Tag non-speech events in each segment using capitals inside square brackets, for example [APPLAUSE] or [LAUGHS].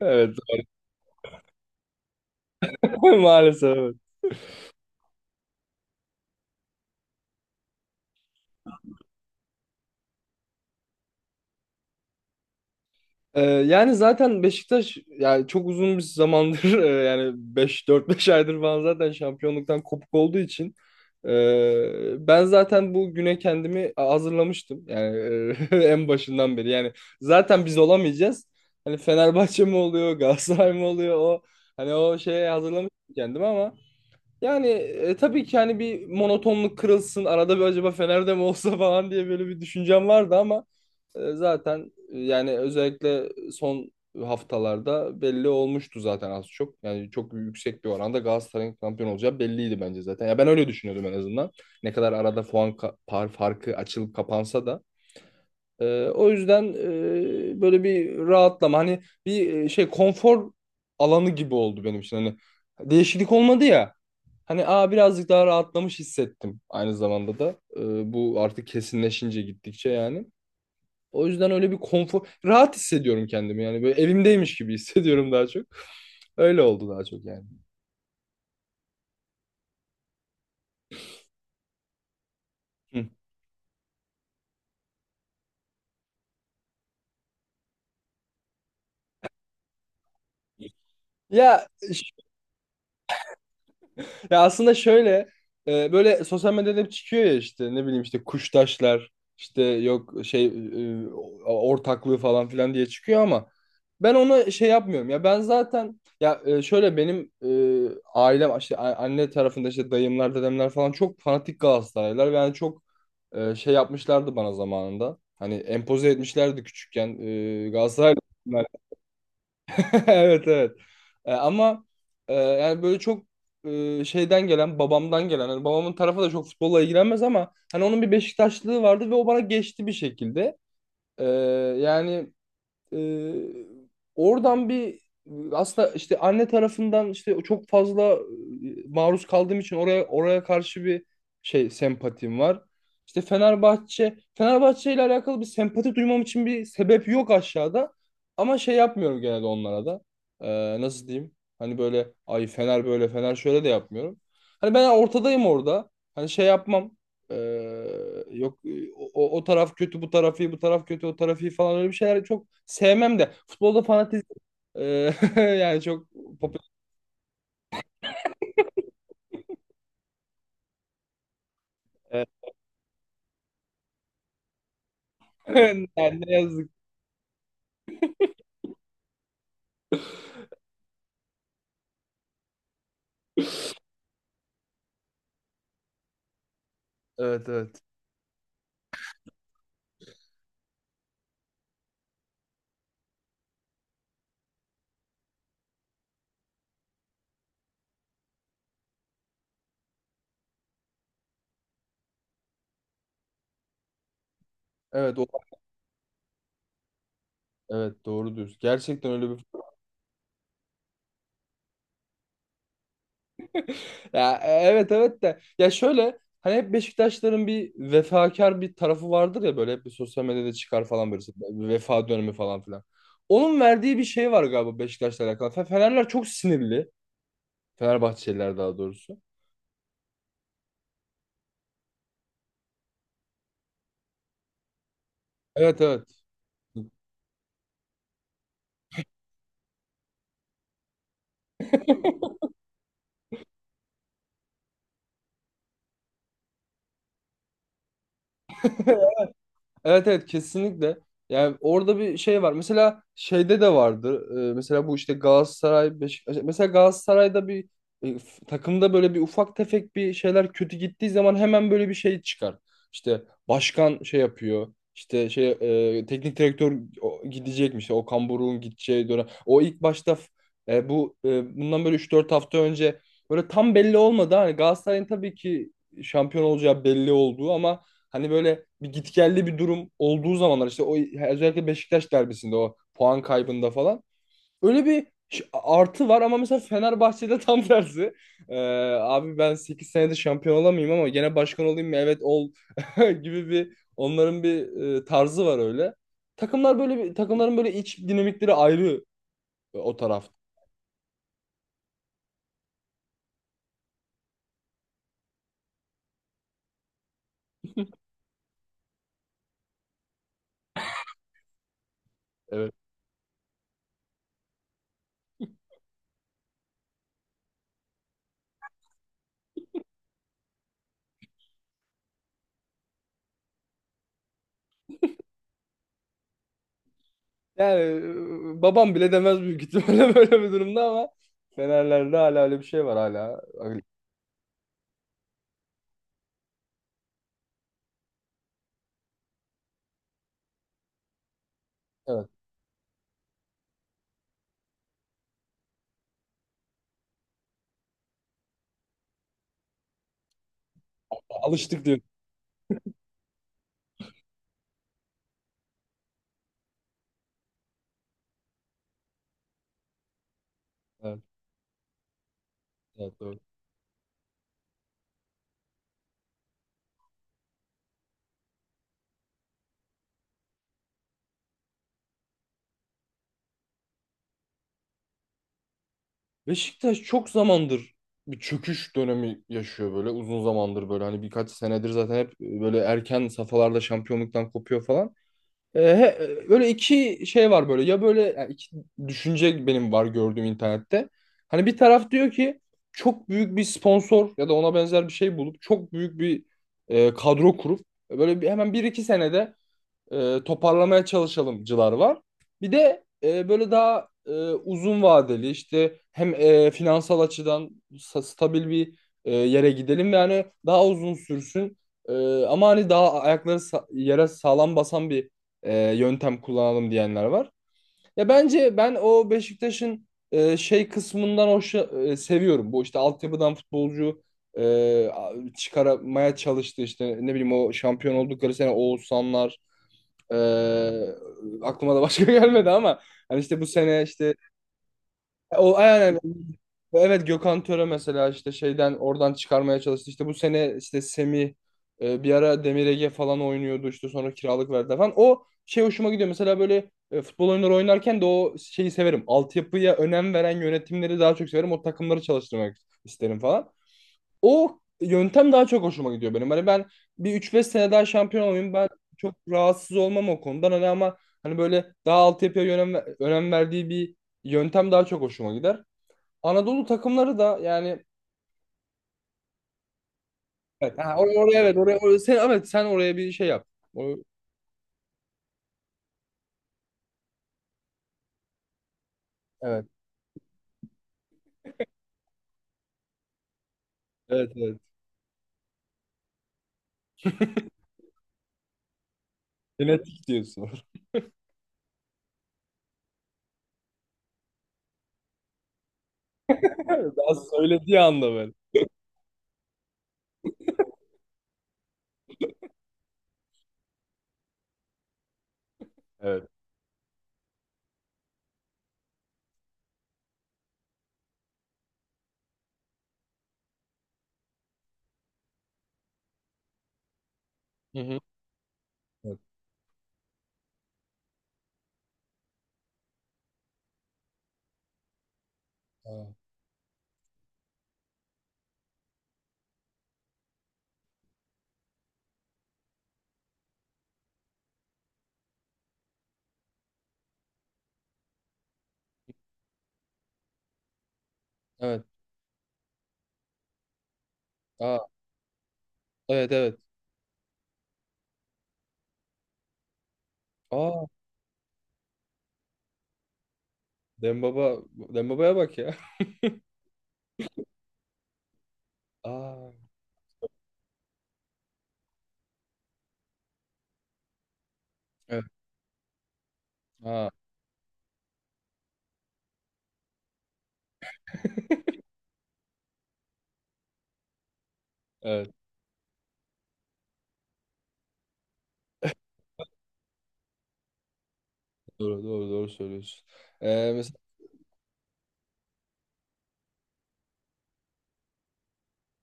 Evet. [LAUGHS] Maalesef, evet. Yani zaten Beşiktaş, yani çok uzun bir zamandır [LAUGHS] yani 5 4 5 aydır falan zaten şampiyonluktan kopuk olduğu için ben zaten bu güne kendimi hazırlamıştım. Yani [LAUGHS] en başından beri. Yani zaten biz olamayacağız. Hani Fenerbahçe mi oluyor, Galatasaray mı oluyor, o şeye hazırlamıştım kendimi ama yani tabii ki hani bir monotonluk kırılsın, arada bir acaba Fener'de mi olsa [LAUGHS] falan diye böyle bir düşüncem vardı ama yani özellikle son haftalarda belli olmuştu zaten az çok. Yani çok yüksek bir oranda Galatasaray'ın şampiyon olacağı belliydi bence zaten. Ya ben öyle düşünüyordum en azından. Ne kadar arada par farkı açılıp kapansa da. O yüzden böyle bir rahatlama, hani bir konfor alanı gibi oldu benim için. Hani değişiklik olmadı ya. Hani aa birazcık daha rahatlamış hissettim aynı zamanda da. Bu artık kesinleşince gittikçe yani. O yüzden öyle bir konfor, rahat hissediyorum kendimi, yani böyle evimdeymiş gibi [LAUGHS] hissediyorum daha çok. Öyle oldu daha çok yani. Hı. Ya, ya aslında şöyle, böyle sosyal medyada hep çıkıyor ya, işte ne bileyim işte kuştaşlar işte yok e, ortaklığı falan filan diye çıkıyor ama ben onu şey yapmıyorum ya, ben zaten ya, şöyle benim, ailem işte anne tarafında işte dayımlar, dedemler falan çok fanatik Galatasaraylılar ve yani çok şey yapmışlardı bana zamanında. Hani empoze etmişlerdi küçükken Galatasaraylı. [LAUGHS] Evet, evet. E, ama yani böyle çok şeyden gelen, babamdan gelen. Hani babamın tarafı da çok futbolla ilgilenmez ama hani onun bir Beşiktaşlılığı vardı ve o bana geçti bir şekilde. E, yani ee, oradan bir, aslında işte anne tarafından işte çok fazla maruz kaldığım için oraya karşı bir şey, sempatim var. İşte Fenerbahçe ile alakalı bir sempati duymam için bir sebep yok aşağıda. Ama şey yapmıyorum genelde onlara da. Nasıl diyeyim? Hani böyle ay Fener böyle Fener şöyle de yapmıyorum. Hani ben ortadayım orada. Hani şey yapmam. Yok e, O taraf kötü, bu taraf iyi, bu taraf kötü, o taraf iyi falan, öyle bir şeyler çok sevmem de, futbolda fanatizm ee, [LAUGHS] yani çok popüler. [LAUGHS] Yani ne yazık. Evet, evet. Evet. O evet, doğru diyorsun. Gerçekten öyle bir [LAUGHS] ya, evet, evet de, ya şöyle hani hep Beşiktaşların bir vefakar bir tarafı vardır ya, böyle hep bir sosyal medyada çıkar falan, böyle bir vefa dönemi falan filan. Onun verdiği bir şey var galiba Beşiktaş'la alakalı. Fenerler çok sinirli. Fenerbahçeliler daha doğrusu. Evet, evet. Evet, evet, kesinlikle. Yani orada bir şey var. Mesela şeyde de vardı. Mesela bu işte Galatasaray, Beşiktaş. Mesela Galatasaray'da bir takımda böyle bir ufak tefek bir şeyler kötü gittiği zaman hemen böyle bir şey çıkar. İşte başkan şey yapıyor. İşte teknik direktör gidecekmiş. O Okan gideceği dönem. O ilk başta bundan böyle 3 4 hafta önce böyle tam belli olmadı. Hani Galatasaray'ın tabii ki şampiyon olacağı belli olduğu ama hani böyle bir gitgelli bir durum olduğu zamanlar işte o, özellikle Beşiktaş derbisinde o puan kaybında falan. Öyle bir artı var ama mesela Fenerbahçe'de [LAUGHS] tam tersi. Ee, Abi ben 8 senede şampiyon olamayayım ama gene başkan olayım mı? Evet ol [LAUGHS] gibi bir, onların bir tarzı var öyle. Takımların böyle iç dinamikleri ayrı o taraf. Evet. Yani babam bile demez büyük ihtimalle [LAUGHS] böyle bir durumda ama Fenerlerde hala öyle bir şey var, hala. Öyle. Evet. Alıştık diyor. Evet, evet, doğru. Beşiktaş çok zamandır bir çöküş dönemi yaşıyor, böyle uzun zamandır, böyle hani birkaç senedir zaten hep böyle erken safhalarda şampiyonluktan kopuyor falan. Ee, he- böyle iki şey var, böyle ya, böyle yani iki düşünce benim var gördüğüm internette. Hani bir taraf diyor ki çok büyük bir sponsor ya da ona benzer bir şey bulup çok büyük bir kadro kurup böyle bir, hemen 1 2 senede toparlamaya çalışalımcılar var. Bir de böyle daha uzun vadeli, işte hem finansal açıdan stabil bir yere gidelim ve hani daha uzun sürsün. E, Ama hani daha ayakları yere sağlam basan bir yöntem kullanalım diyenler var. Ya bence ben o Beşiktaş'ın kısmından seviyorum. Bu işte altyapıdan futbolcu e, çıkarmaya çalıştı, işte ne bileyim o şampiyon oldukları sene Oğuzhanlar ee, aklıma da başka [LAUGHS] gelmedi ama hani işte bu sene işte, o aynen evet, Gökhan Töre mesela, işte şeyden oradan çıkarmaya çalıştı. İşte bu sene işte Semih, bir ara Demir Ege falan oynuyordu, işte sonra kiralık verdi falan. O şey hoşuma gidiyor. Mesela böyle futbol oyunları oynarken de o şeyi severim. Altyapıya önem veren yönetimleri daha çok severim. O takımları çalıştırmak isterim falan. O yöntem daha çok hoşuma gidiyor benim. Hani ben bir 3 5 sene daha şampiyon olayım, ben çok rahatsız olmam o konudan. Hani ama hani böyle daha altyapıya önem verdiği bir yöntem daha çok hoşuma gider. Anadolu takımları da yani evet, ha, oraya, evet, oraya, sen, evet, sen oraya bir şey yap. O- evet, evet, evet. Genetik diyorsun. [LAUGHS] Daha söylediği anda ben. Evet. Hı hı. Evet. Aa, evet. Aa, evet, evet. Aa, Dembaba Dembaba'ya bak ya. [LAUGHS] Aa, evet. Aa, evet. Doğru, doğru, doğru söylüyorsun. Mesela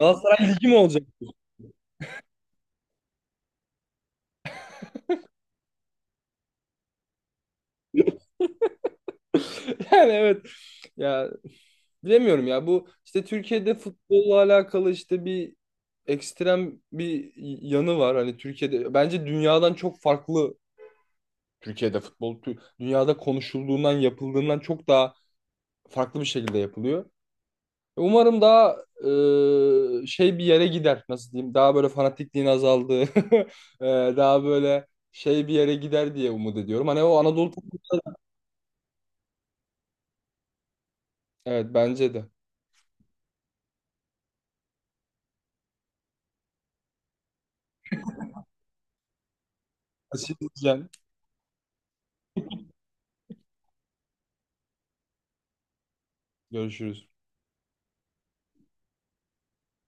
Galatasaray Ligi mi olacak? [LAUGHS] Yani evet. Ya bilemiyorum ya, bu işte Türkiye'de futbolla alakalı işte bir ekstrem bir yanı var. Hani Türkiye'de bence dünyadan çok farklı, Türkiye'de futbol dünyada konuşulduğundan, yapıldığından çok daha farklı bir şekilde yapılıyor. Umarım daha bir yere gider, nasıl diyeyim, daha böyle fanatikliğin azaldığı [LAUGHS] daha böyle şey bir yere gider diye umut ediyorum. Hani o Anadolu. Evet, bence de. Kaçırırken görüşürüz.